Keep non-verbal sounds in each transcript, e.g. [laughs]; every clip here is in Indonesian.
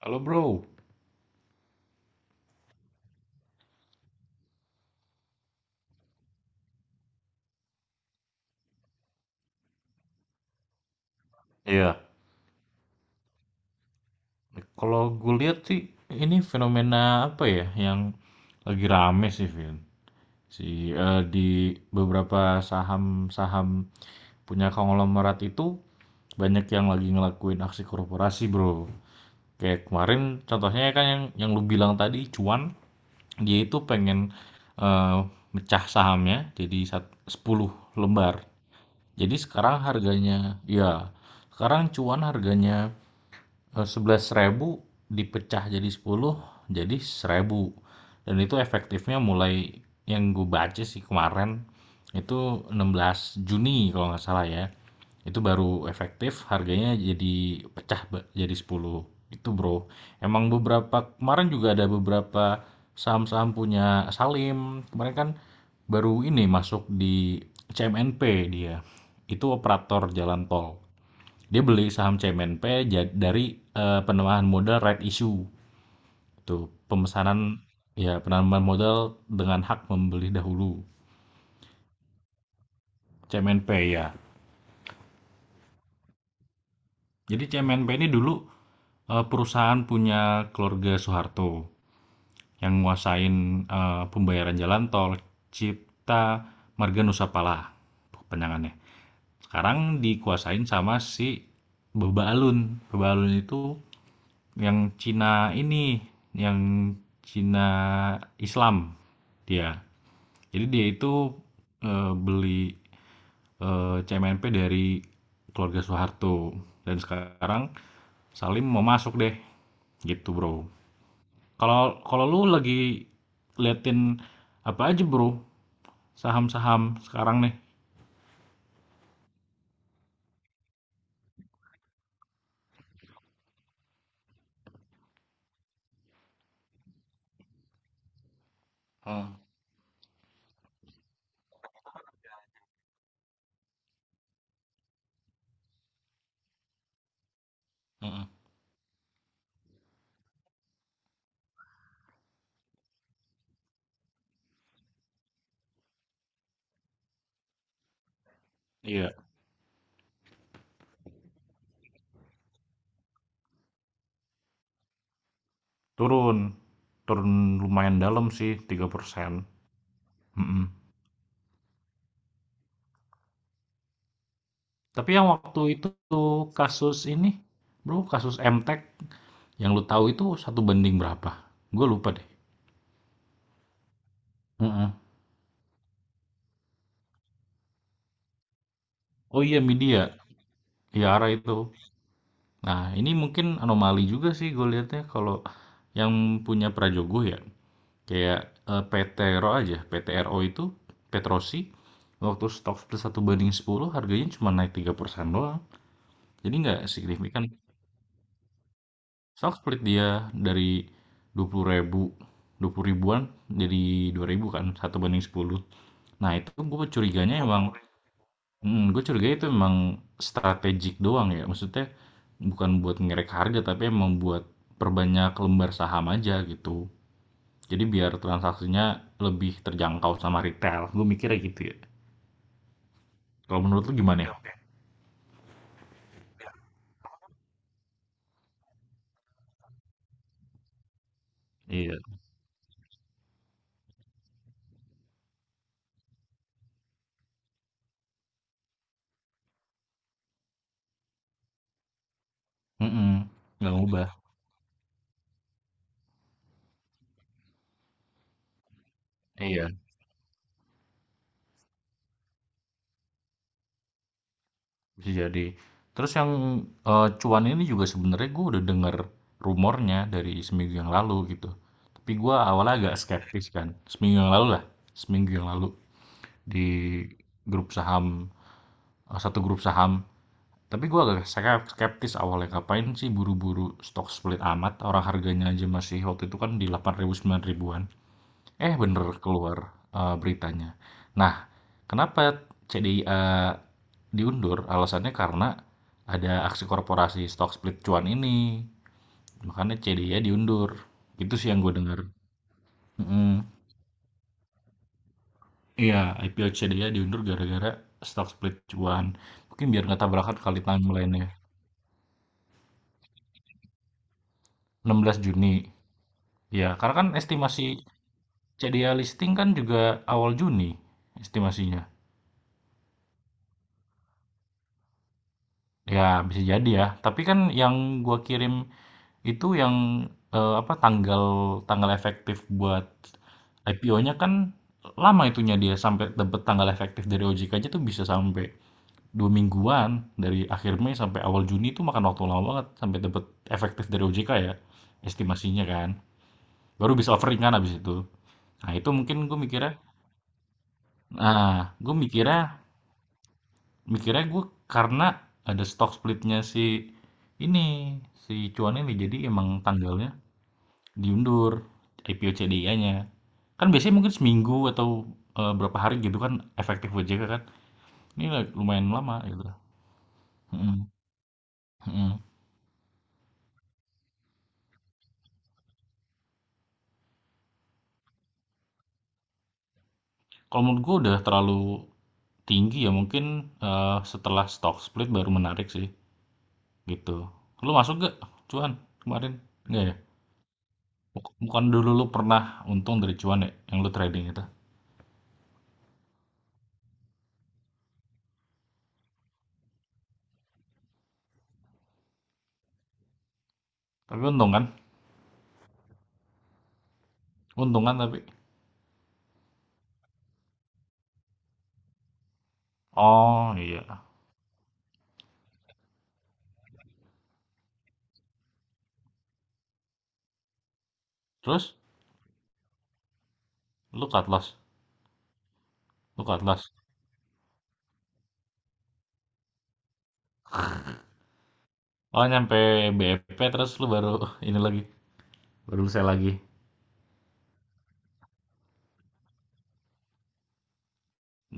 Halo bro, Iya. Kalau gue lihat sih ini fenomena apa ya yang lagi rame sih, Vin. Di beberapa saham-saham punya konglomerat itu banyak yang lagi ngelakuin aksi korporasi, bro. Kayak kemarin contohnya kan yang lu bilang tadi cuan, dia itu pengen eh, mecah sahamnya jadi 10 lembar. Jadi sekarang harganya, ya sekarang cuan harganya 11 ribu dipecah jadi sepuluh, jadi seribu, dan itu efektifnya mulai, yang gue baca sih kemarin, itu 16 Juni kalau nggak salah ya. Itu baru efektif, harganya jadi pecah jadi 10 itu, Bro. Emang beberapa kemarin juga ada beberapa saham-saham punya Salim, kemarin kan baru ini masuk di CMNP, dia itu operator jalan tol. Dia beli saham CMNP dari penambahan modal right issue. Tuh, pemesanan, ya penambahan modal dengan hak membeli dahulu. CMNP ya. Jadi CMNP ini dulu perusahaan punya keluarga Soeharto yang nguasain pembayaran jalan tol Cipta Marga Nusa Pala penangannya. Sekarang dikuasain sama si Beba Alun. Beba Alun itu yang Cina ini, yang Cina Islam dia. Jadi dia itu beli, C M N P dari keluarga Soeharto dan sekarang Salim mau masuk deh, gitu, Bro. Kalau kalau lu lagi liatin apa aja, Bro? Saham-saham sekarang nih. Hmm, mhm. Iya, turun. Turun lumayan dalam sih 3%. Tapi yang waktu itu kasus ini, bro, kasus Emtek yang lu tahu itu satu banding berapa? Gue lupa deh. Heeh. Oh iya, media, Yara itu. Nah ini mungkin anomali juga sih gue lihatnya, kalau yang punya Prajogo ya, kayak PT RO aja, PT RO itu Petrosi, waktu stok split satu banding 10, harganya cuma naik 3% doang. Jadi nggak signifikan. Stock split dia dari 20 ribu, 20 ribuan jadi 2 ribu kan, satu banding 10. Nah, itu gue curiganya emang, gue curiga itu emang strategik doang ya. Maksudnya bukan buat ngerek harga, tapi emang buat perbanyak lembar saham aja gitu. Jadi biar transaksinya lebih terjangkau sama retail. Gue mikirnya gitu ya. Kalau menurut lu gimana ya? Iya. Mm-mm. Nggak ngubah. Iya. Bisa jadi. Terus yang, cuan ini juga sebenarnya gue udah denger rumornya dari seminggu yang lalu gitu. Tapi gua awalnya agak skeptis kan, seminggu yang lalu lah, seminggu yang lalu di grup saham, satu grup saham. Tapi gua agak skeptis awalnya, ngapain sih buru-buru stok split amat, orang harganya aja masih waktu itu kan di 8 ribu 9 ribuan. Eh, bener keluar beritanya. Nah, kenapa CDIA diundur? Alasannya karena ada aksi korporasi stock split cuan ini. Makanya CDIA diundur. Gitu sih yang gue dengar. Mm-mm. Iya, IPO CDIA diundur gara-gara stock split cuan. Mungkin biar nggak tabrakan kali timeline-nya. 16 Juni. Ya, karena kan estimasi CDIA listing kan juga awal Juni estimasinya. Ya, bisa jadi ya. Tapi kan yang gua kirim, itu yang apa, tanggal tanggal efektif buat IPO-nya kan lama itunya, dia sampai dapat tanggal efektif dari OJK aja tuh bisa sampai 2 mingguan, dari akhir Mei sampai awal Juni itu makan waktu lama banget sampai dapat efektif dari OJK ya, estimasinya kan baru bisa offering kan abis itu. Nah itu mungkin gue mikirnya, nah gue mikirnya, mikirnya gue karena ada stock splitnya si ini, si cuan ini, jadi emang tanggalnya diundur IPO CDI-nya. Kan biasanya mungkin seminggu atau, berapa hari gitu kan efektif OJK kan. Ini lumayan lama gitu. Mhm mhm. Kalau menurut gua udah terlalu tinggi ya mungkin, setelah stock split baru menarik sih, gitu. Lu masuk gak cuan kemarin? Nggak ya? Bukan dulu, lu pernah untung dari cuan ya, yang lu trading itu? Tapi untung kan? Untung kan tapi? Oh iya. Terus lu cut loss? Lu cut loss? Oh, nyampe BEP terus lu baru [laughs] ini lagi, baru sell lagi?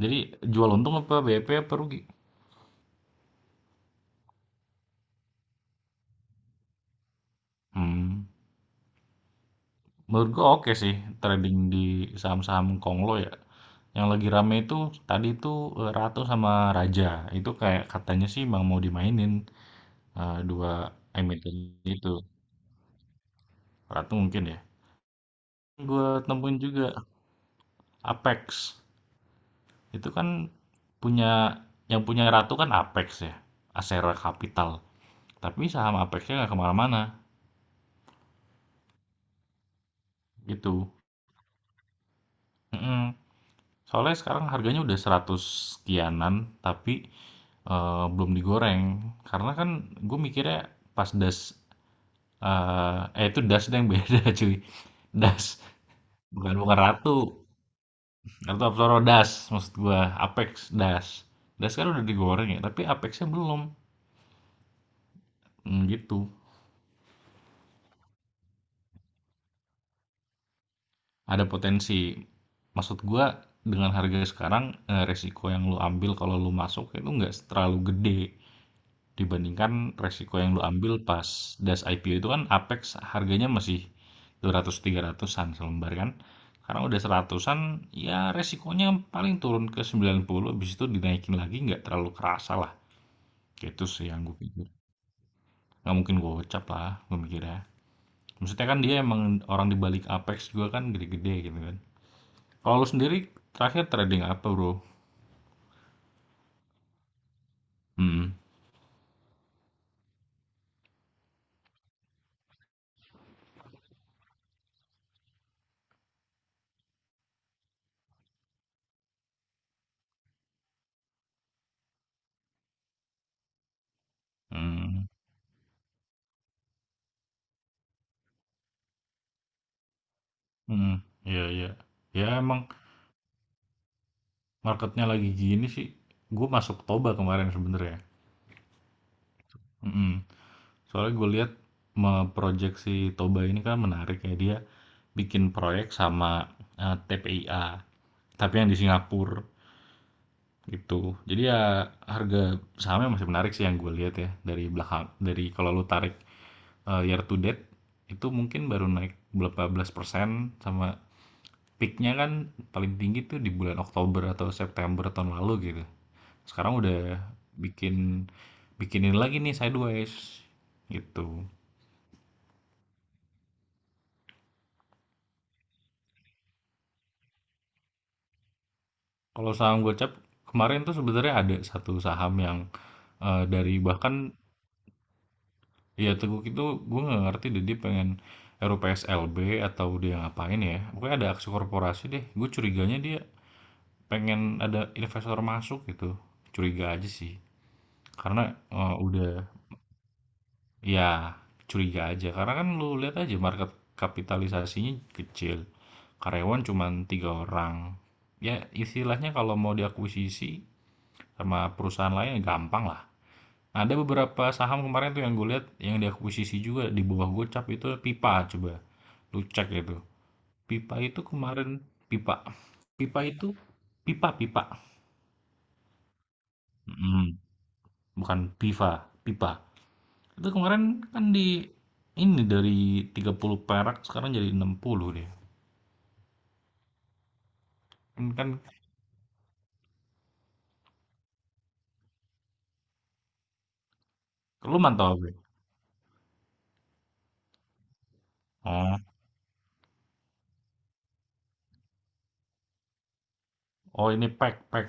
Jadi jual untung apa BP apa rugi? Hmm, menurut gua oke sih trading di saham-saham Konglo ya. Yang lagi rame itu tadi itu Ratu sama Raja. Itu kayak katanya sih, bang, mau dimainin dua emiten itu. Ratu mungkin ya. Gua temuin juga Apex. Itu kan punya, yang punya Ratu kan Apex ya. Asera Capital. Tapi saham Apexnya nggak kemana-mana gitu. Hmm, Soalnya sekarang harganya udah 100 sekianan, tapi belum digoreng karena kan gue mikirnya pas das, itu das yang beda [laughs] cuy. Das, bukan bukan ratu, ratu Apsoro das, maksud gue apex. Das das kan udah digoreng ya tapi apexnya belum. Hmm, gitu, ada potensi, maksud gue dengan harga sekarang resiko yang lu ambil kalau lu masuk itu nggak terlalu gede. Dibandingkan resiko yang lu ambil pas das IPO itu, kan Apex harganya masih dua ratus tiga ratusan selembar kan. Sekarang udah seratusan, ya resikonya paling turun ke 90, habis itu dinaikin lagi nggak terlalu kerasa lah. Gitu sih yang gue pikir. Nggak mungkin gocap lah, gue mikirnya. Maksudnya kan dia emang orang di balik Apex juga kan gede-gede gitu kan. Kalau lu sendiri terakhir trading apa, bro? Hmm, hmm, hmm, hmm. Iya iya. Ya emang marketnya lagi gini sih, gue masuk Toba kemarin sebenarnya. Mm-mm. Soalnya gue lihat, project si Toba ini kan menarik ya, dia bikin proyek sama TPIA tapi yang di Singapura gitu, jadi ya harga sahamnya masih menarik sih yang gue lihat ya. Dari belakang, dari kalau lu tarik year to date itu mungkin baru naik berapa belas persen. Sama peaknya kan paling tinggi tuh di bulan Oktober atau September tahun lalu gitu. Sekarang udah bikin, bikinin lagi nih sideways gitu. Kalau saham Gocap kemarin tuh sebenarnya ada satu saham yang dari bahkan, ya Teguk itu gue nggak ngerti deh, dia pengen RUPSLB atau dia ngapain ya. Pokoknya ada aksi korporasi deh. Gue curiganya dia pengen ada investor masuk gitu. Curiga aja sih. Karena udah, ya, curiga aja. Karena kan lu lihat aja market kapitalisasinya kecil. Karyawan cuman 3 orang. Ya, istilahnya kalau mau diakuisisi sama perusahaan lain ya gampang lah. Nah, ada beberapa saham kemarin tuh yang gue lihat yang diakuisisi juga di bawah Gocap, itu Pipa, coba. Lu cek itu. Pipa itu kemarin. Pipa. Pipa itu, Pipa Pipa. Mm, bukan Piva, Pipa. Itu kemarin kan di ini, dari 30 perak sekarang jadi 60 deh, kan lu mantau gue. Oh, oh ini pack pack.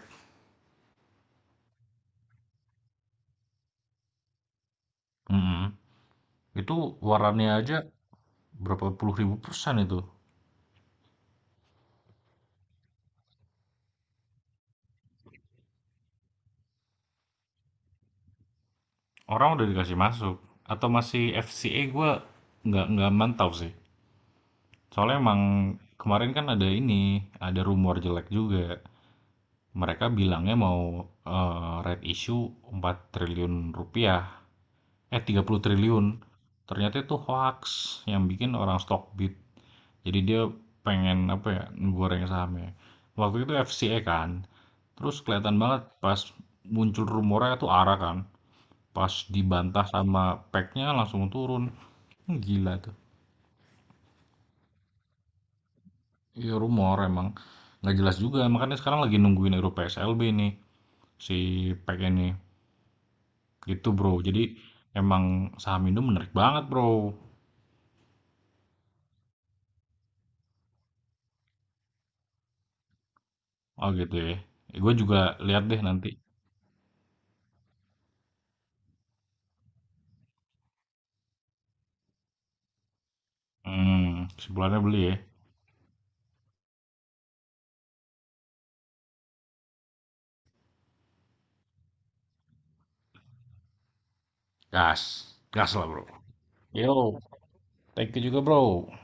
mm Itu warannya aja berapa puluh ribu persen itu. Orang udah dikasih masuk atau masih FCA, gue nggak mantau sih. Soalnya emang kemarin kan ada ini, ada rumor jelek juga. Mereka bilangnya mau red issue 4 triliun rupiah, eh 30 triliun. Ternyata itu hoax, yang bikin orang Stockbit. Jadi dia pengen apa ya, goreng sahamnya. Waktu itu FCA kan. Terus kelihatan banget pas muncul rumornya itu ARA kan. Pas dibantah sama pack, langsung turun. Gila tuh. Iya, rumor emang. Nggak jelas juga. Makanya sekarang lagi nungguin Euro PSLB nih. Si pack ini. Gitu bro. Jadi emang saham Indo menarik banget, bro. Oh gitu ya. Gue juga lihat deh nanti. Hmm, sebulannya beli ya. Gas. Gas lah, bro. Yo, thank you juga, bro.